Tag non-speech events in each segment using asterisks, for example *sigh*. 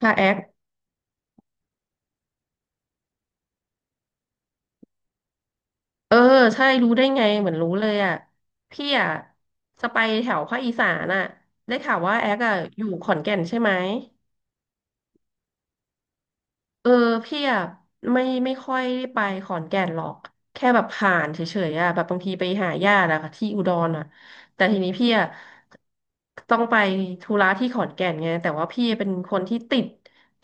ค่ะแอคเออใช่รู้ได้ไงเหมือนรู้เลยอ่ะพี่อ่ะจะไปแถวภาคอีสานอ่ะได้ข่าวว่าแอคอ่ะอยู่ขอนแก่นใช่ไหม เออพี่อ่ะไม่ค่อยได้ไปขอนแก่นหรอกแค่แบบผ่านเฉยๆอ่ะแบบบางทีไปหาญาติอะค่ะที่อุดรอ่ะแต่ทีนี้พี่อ่ะต้องไปธุระที่ขอนแก่นไงแต่ว่าพี่เป็นคนที่ติด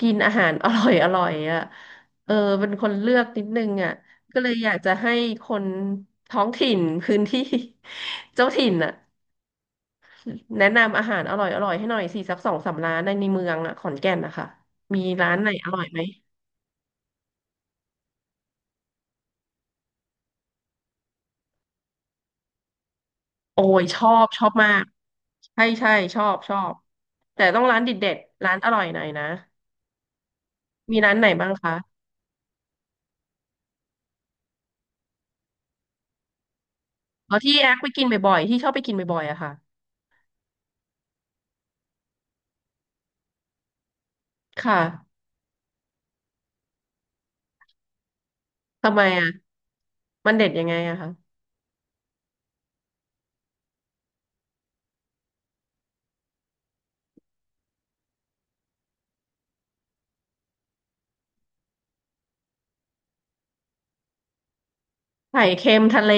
กินอาหารอร่อยอร่อยอ่ะเออเป็นคนเลือกนิดนึงอ่ะก็เลยอยากจะให้คนท้องถิ่นพื้นที่ *laughs* เจ้าถิ่นอ่ะแนะนำอาหารอร่อยอร่อยให้หน่อยสิสักสองสามร้านในเมืองอ่ะขอนแก่นนะคะมีร้านไหนอร่อยไหม โอ้ยชอบชอบมากใช่ใช่ชอบชอบแต่ต้องร้านเด็ดๆร้านอร่อยหน่อยนะมีร้านไหนบ้างคะอ๋อที่แอคไปกินบ่อยๆที่ชอบไปกินบ่อยๆอะค่ะค่ะทำไมอะมันเด็ดยังไงอะคะไข่เค็มทะเล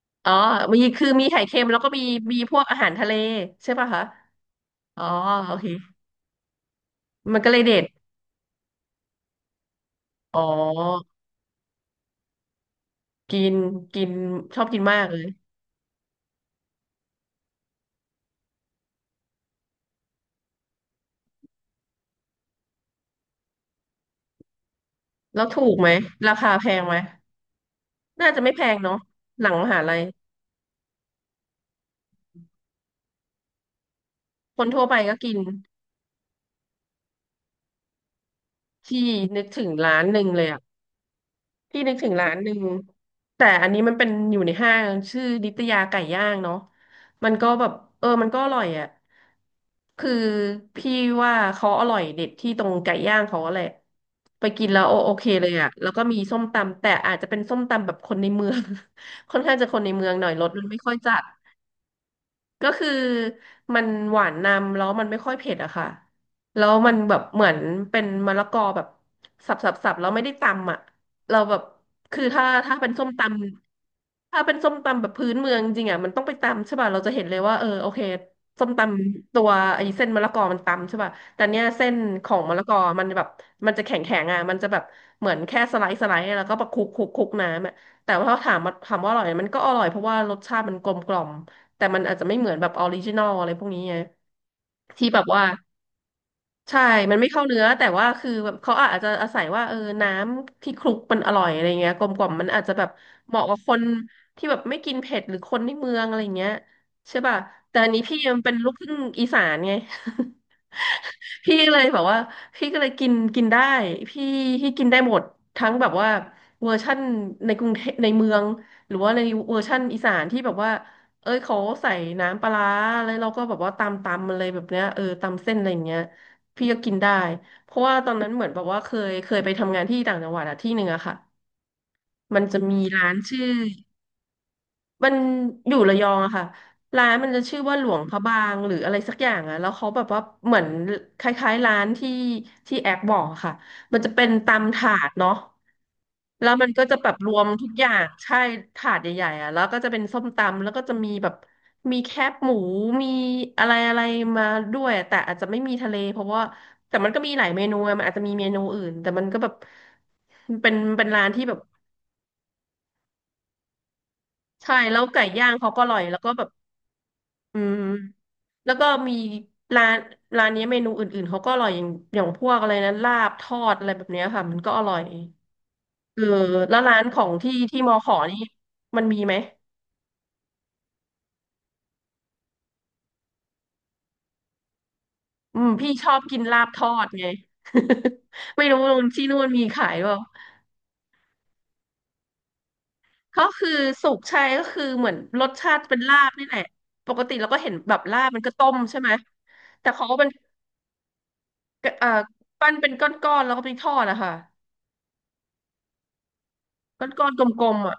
*laughs* อ๋อมีคือมีไข่เค็มแล้วก็มีมีพวกอาหารทะเลใช่ป่ะคะอ๋อโอเคมันก็เลยเด็ดอ๋อกินกินชอบกินมากเลยแล้วถูกไหมราคาแพงไหมน่าจะไม่แพงเนาะหลังมหาลัยคนทั่วไปก็กิน พี่นึกถึงร้านหนึ่งเลยอ่ะพี่นึกถึงร้านหนึ่งแต่อันนี้มันเป็นอยู่ในห้างชื่อนิตยาไก่ย่างเนาะมันก็แบบเออมันก็อร่อยอ่ะคือพี่ว่าเขาอร่อยเด็ดที่ตรงไก่ย่างเขาแหละไปกินแล้วโอโอเคเลยอ่ะแล้วก็มีส้มตำแต่อาจจะเป็นส้มตำแบบคนในเมือง *laughs* ค่อนข้างจะคนในเมืองหน่อยรสมันไม่ค่อยจัด ก็คือมันหวานนำแล้วมันไม่ค่อยเผ็ดอะค่ะแล้วมันแบบเหมือนเป็นมะละกอแบบสับสับสับแล้วไม่ได้ตำอะเราแบบคือถ้าเป็นส้มตำถ้าเป็นส้มตำแบบพื้นเมืองจริงอะมันต้องไปตำใช่ป่ะเราจะเห็นเลยว่าโอเคส้มตำตัวไอ้เส้นมะละกอมันตำใช่ป่ะแต่เนี้ยเส้นของมะละกอมันแบบมันจะแข็งแข็งอะมันจะแบบเหมือนแค่สไลด์สไลด์แล้วก็ประคลุกคลุกคลุกน้ำอะแต่ว่าถามว่าอร่อยไหมมันก็อร่อยเพราะว่ารสชาติมันกลมกล่อม แต่มันอาจจะไม่เหมือนแบบออริจินอลอะไรพวกนี้ไงที่แบบว่าใช่ มันไม่เข้าเนื้อแต่ว่าคือแบบเขาอาจจะอาศัยว่าน้ำที่คลุกมันอร่อยอะไรเงี้ยกลมกล่อมมันอาจจะแบบเหมาะกับคนที่แบบไม่กินเผ็ดหรือคนในเมืองอะไรเงี้ยใช่ป่ะแต่อันนี้พี่มันเป็นลูกครึ่งอีสานไง พี่เลยแบบว่าพี่ก็เลยกินกินได้พี่พี่กินได้หมดทั้งแบบว่าเวอร์ชั่นในกรุงเทพในเมืองหรือว่าในเวอร์ชั่นอีสานที่แบบว่าเอ้ยเขาใส่น้ำปลาร้าแล้วเราก็แบบว่าตำตำอะไรแบบเนี้ยตำเส้นอะไรอย่างเงี้ยพี่ก็กินได้เพราะว่าตอนนั้นเหมือนแบบว่าเคยไปทำงานที่ต่างจังหวัดอะที่หนึ่งอะค่ะมันจะมีร้านชื่อ มันอยู่ระยองอะค่ะร้านมันจะชื่อว่าหลวงพระบางหรืออะไรสักอย่างอะแล้วเขาแบบว่าเหมือนคล้ายๆร้านที่แอคบอกอะค่ะมันจะเป็นตำถาดเนาะแล้วมันก็จะแบบรวมทุกอย่างใช่ถาดใหญ่ๆอะแล้วก็จะเป็นส้มตำแล้วก็จะมีแบบมีแคบหมูมีอะไรอะไรมาด้วยแต่อาจจะไม่มีทะเลเพราะว่าแต่มันก็มีหลายเมนูอะมันอาจจะมีเมนูอื่นแต่มันก็แบบเป็นร้านที่แบบใช่แล้วไก่ย่างเขาก็อร่อยแล้วก็แบบอืม แล้วก็มีร้านร้านนี้เมนูอื่นๆเขาก็อร่อยอย่างพวกอะไรนะลาบทอดอะไรแบบเนี้ยค่ะมันก็อร่อยเออแล้วร้านของที่มอขอนี่มันมีไหมอืมพี่ชอบกินลาบทอดไง *laughs* ไม่รู้ที่นู่นมีขายเปล่าก็คือสุกใช่ก็คือเหมือนรสชาติเป็นลาบนี่แหละปกติเราก็เห็นแบบลาบมันก็ต้มใช่ไหมแต่เขาเป็นเอ่อปั้นเป็นก้อนๆแล้วก็ไปทอดอะค่ะก้อนๆกลมๆอ่ะ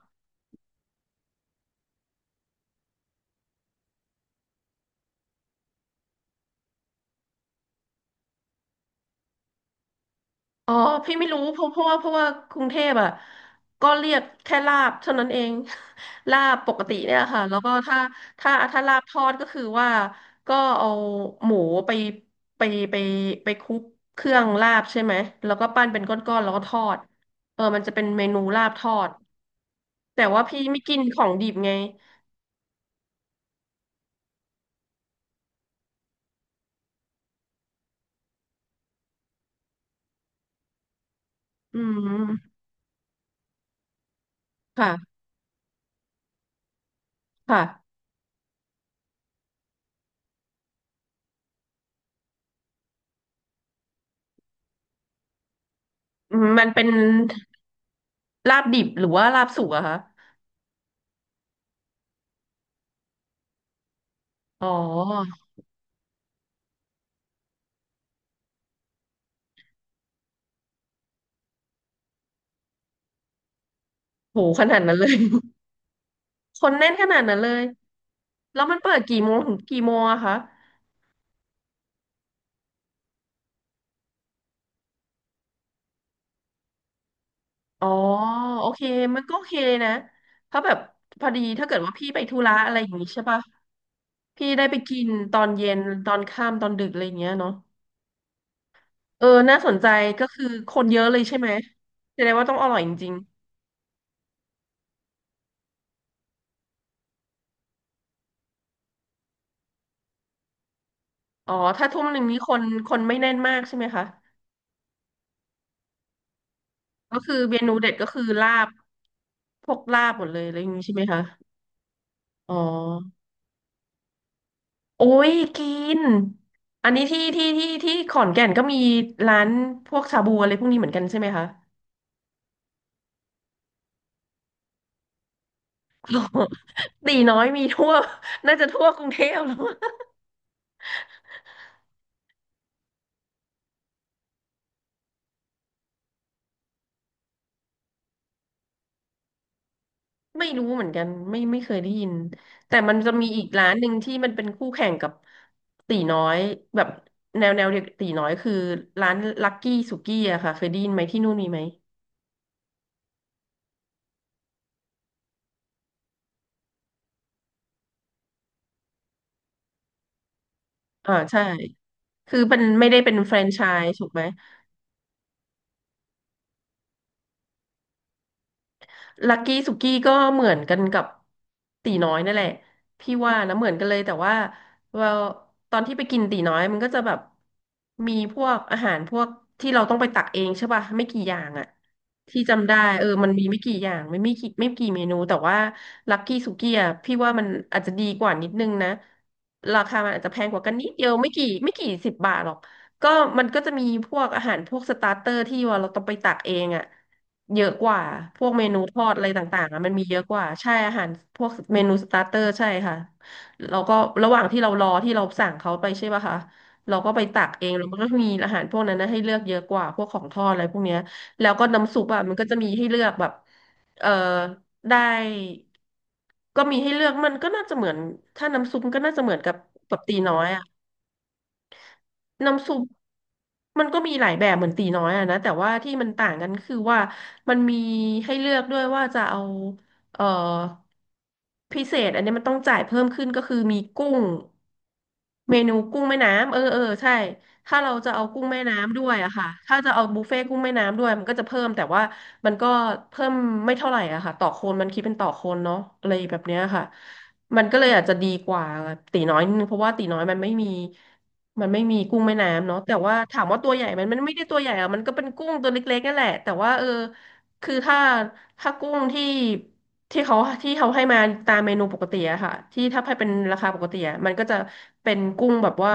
อ๋อพี่ไม่รู้เพราะเพราะว่าเพราะว่ากรุงเทพอ่ะก็เรียกแค่ลาบเท่านั้นเอง *laughs* ลาบปกติเนี่ยค่ะแล้วก็ถ้าลาบทอดก็คือว่าก็เอาหมูไปไปไปคลุกเครื่องลาบใช่ไหมแล้วก็ปั้นเป็นก้อนๆแล้วก็ทอดเออมันจะเป็นเมนูลาบทอดแต่ว่าพี่ไม่กินของดิบไงอืมค่ะค่ะอืมมันเป็นลาบดิบหรือว่าลาบสุกอะคะอ๋อโหขนาดนั้นเลย คนแน่นขนาดนั้นเลย แล้วมันเปิดกี่โมงถึงกี่โมงอะคะอ๋อโอเคมันก็โอเคนะเพราะแบบพอดีถ้าเกิดว่าพี่ไปธุระอะไรอย่างนี้ใช่ปะพี่ได้ไปกินตอนเย็นตอนค่ำตอนดึกอะไรอย่างเงี้ยเนาะเออน่าสนใจก็คือคนเยอะเลยใช่ไหมแสดงว่าต้องอร่อยจริงๆอ๋อถ้าทุ่มหนึ่งนี้คนไม่แน่นมากใช่ไหมคะก็คือเมนูเด็ดก็คือลาบพวกลาบหมดเลยอะไรอย่างนี้ใช่ไหมคะอ๋อ โอ้ยกินอันนี้ที่ขอนแก่นก็มีร้านพวกชาบูอะไรพวกนี้เหมือนกันใช่ไหมคะ *laughs* ตีน้อยมีทั่ว *laughs* น่าจะทั่วกรุงเทพแล้ว *laughs* ไม่รู้เหมือนกันไม่เคยได้ยินแต่มันจะมีอีกร้านหนึ่งที่มันเป็นคู่แข่งกับตีน้อยแบบแนวเดียวกับตีน้อยคือร้านลักกี้สุกี้อะค่ะเคยได้ยินไหมที่นู่นมีไหมอ่าใช่คือมันไม่ได้เป็นแฟรนไชส์ถูกไหม ลักกี้สุกี้ก็เหมือนกันกับตีน้อยนั่นแหละพี่ว่านะเหมือนกันเลยแต่ว่าเราตอนที่ไปกินตีน้อยมันก็จะแบบมีพวกอาหารพวกที่เราต้องไปตักเองใช่ป่ะไม่กี่อย่างอะที่จำได้เออมันมีไม่กี่อย่างไม่กี่เมนูแต่ว่าลักกี้สุกี้อะพี่ว่ามันอาจจะดีกว่านิดนึงนะราคามันอาจจะแพงกว่ากันนิดเดียวไม่กี่สิบบาทหรอก ก็มันก็จะมีพวกอาหารพวกสตาร์เตอร์ที่ว่าเราต้องไปตักเองอ่ะเยอะกว่าพวกเมนูทอดอะไรต่างๆอะมันมีเยอะกว่าใช่อาหารพวกเมนูสตาร์เตอร์ใช่ค่ะเราก็ระหว่างที่เรารอที่เราสั่งเขาไปใช่ป่ะคะเราก็ไปตักเองแล้วมันก็มีอาหารพวกนั้นนะให้เลือกเยอะกว่าพวกของทอดอะไรพวกเนี้ยแล้วก็น้ำซุปอ่ะมันก็จะมีให้เลือกแบบเออได้ก็มีให้เลือกมันก็น่าจะเหมือนถ้าน้ำซุปก็น่าจะเหมือนกับแบบตีน้อยอ่ะ น้ำซุปมันก็มีหลายแบบเหมือนตีน้อยอะนะแต่ว่าที่มันต่างกันคือว่ามันมีให้เลือกด้วยว่าจะเอาเอ่อพิเศษอันนี้มันต้องจ่ายเพิ่มขึ้นก็คือมีกุ้งเมนูกุ้งแม่น้ำเออใช่ถ้าเราจะเอากุ้งแม่น้ำด้วยอะค่ะถ้าจะเอาบุฟเฟ่ต์กุ้งแม่น้ำด้วยมันก็จะเพิ่มแต่ว่ามันก็เพิ่มไม่เท่าไหร่อะค่ะต่อคนมันคิดเป็นต่อคนเนาะอะไรแบบเนี้ยค่ะมันก็เลยอาจจะดีกว่าตีน้อยนิดนึงเพราะว่าตีน้อยมันไม่มี มันไม่มีกุ้งแม่น้ำเนาะแต่ว่าถามว่าตัวใหญ่ไหมันมันไม่ได้ตัวใหญ่อะมันก็เป็นกุ้งตัวเล็กๆนั่นแหละแต่ว่าเออคือถ้ากุ้งที่ที่เขาที่เขาให้มาตามเมนูปกติอะค่ะที่ถ้าให้เป็นราคาปกติอะมันก็จะเป็นกุ้งแบบว่า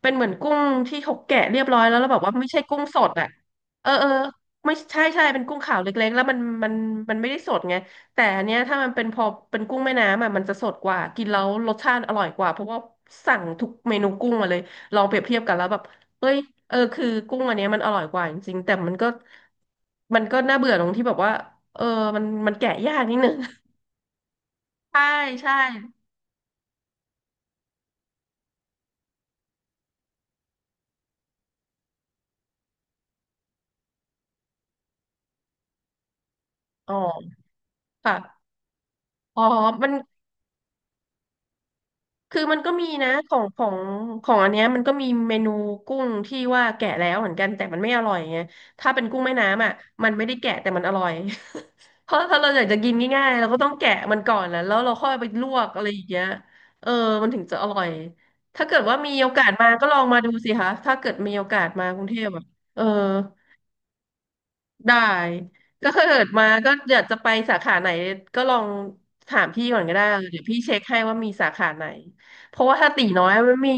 เป็นเหมือนกุ้งที่เขาแกะเรียบร้อยแล้วแล้วแบบว่าไม่ใช่กุ้งสดอะเออไม่ใช่ใช่เป็นกุ้งขาวเล็กๆแล้วมันมันมันไม่ได้สดไง แต่อันเนี้ยถ้ามันเป็นพอเป็นกุ้งแม่น้ำอ่ะมันจะสดกว่ากินแล้วรสชาติอร่อยกว่าเพราะว่าสั่งทุกเมนูกุ้งมาเลยลองเปรียบเทียบกันแล้วแบบเอ้ยเออคือกุ้งอันเนี้ยมันอร่อยกว่าจริงๆแต่มันก็มันก็น่าเบื่อตรงที่แบบว่าเออมันแกะยากนิดนึง *laughs* ใช่ใช่อ๋อค่ะอ๋อมัน คือมันก็มีนะของของอันเนี้ยมันก็มีเมนูกุ้งที่ว่าแกะแล้วเหมือนกันแต่มันไม่อร่อยไงถ้าเป็นกุ้งแม่น้ำอ่ะมันไม่ได้แกะแต่มันอร่อย *laughs* เพราะถ้าเราอยากจะกินง่ายๆเราก็ต้องแกะมันก่อนนะแล้วเราค่อยไปลวกอะไรอย่างเงี้ยเออมันถึงจะอร่อยถ้าเกิดว่ามีโอกาสมาก็ลองมาดูสิคะถ้าเกิดมีโอกาสมากรุงเทพอ่ะเออ ได้ก็ถ้าเกิดมาก็อยากจะไปสาขาไหนก็ลองถามพี่ก่อนก็ได้เดี๋ยวพี่เช็คให้ว่ามีสาขาไหนเพราะว่าถ้าตีน้อยมันมี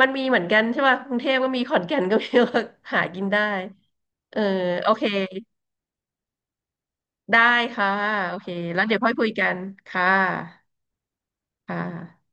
มันมีเหมือนกันใช่ป่ะกรุงเทพก็มีขอนแก่นก็มี *laughs* หากินได้เออโอเคได้ค่ะโอเคแล้วเดี๋ยวค่อยคุยกันค่ะค่ะ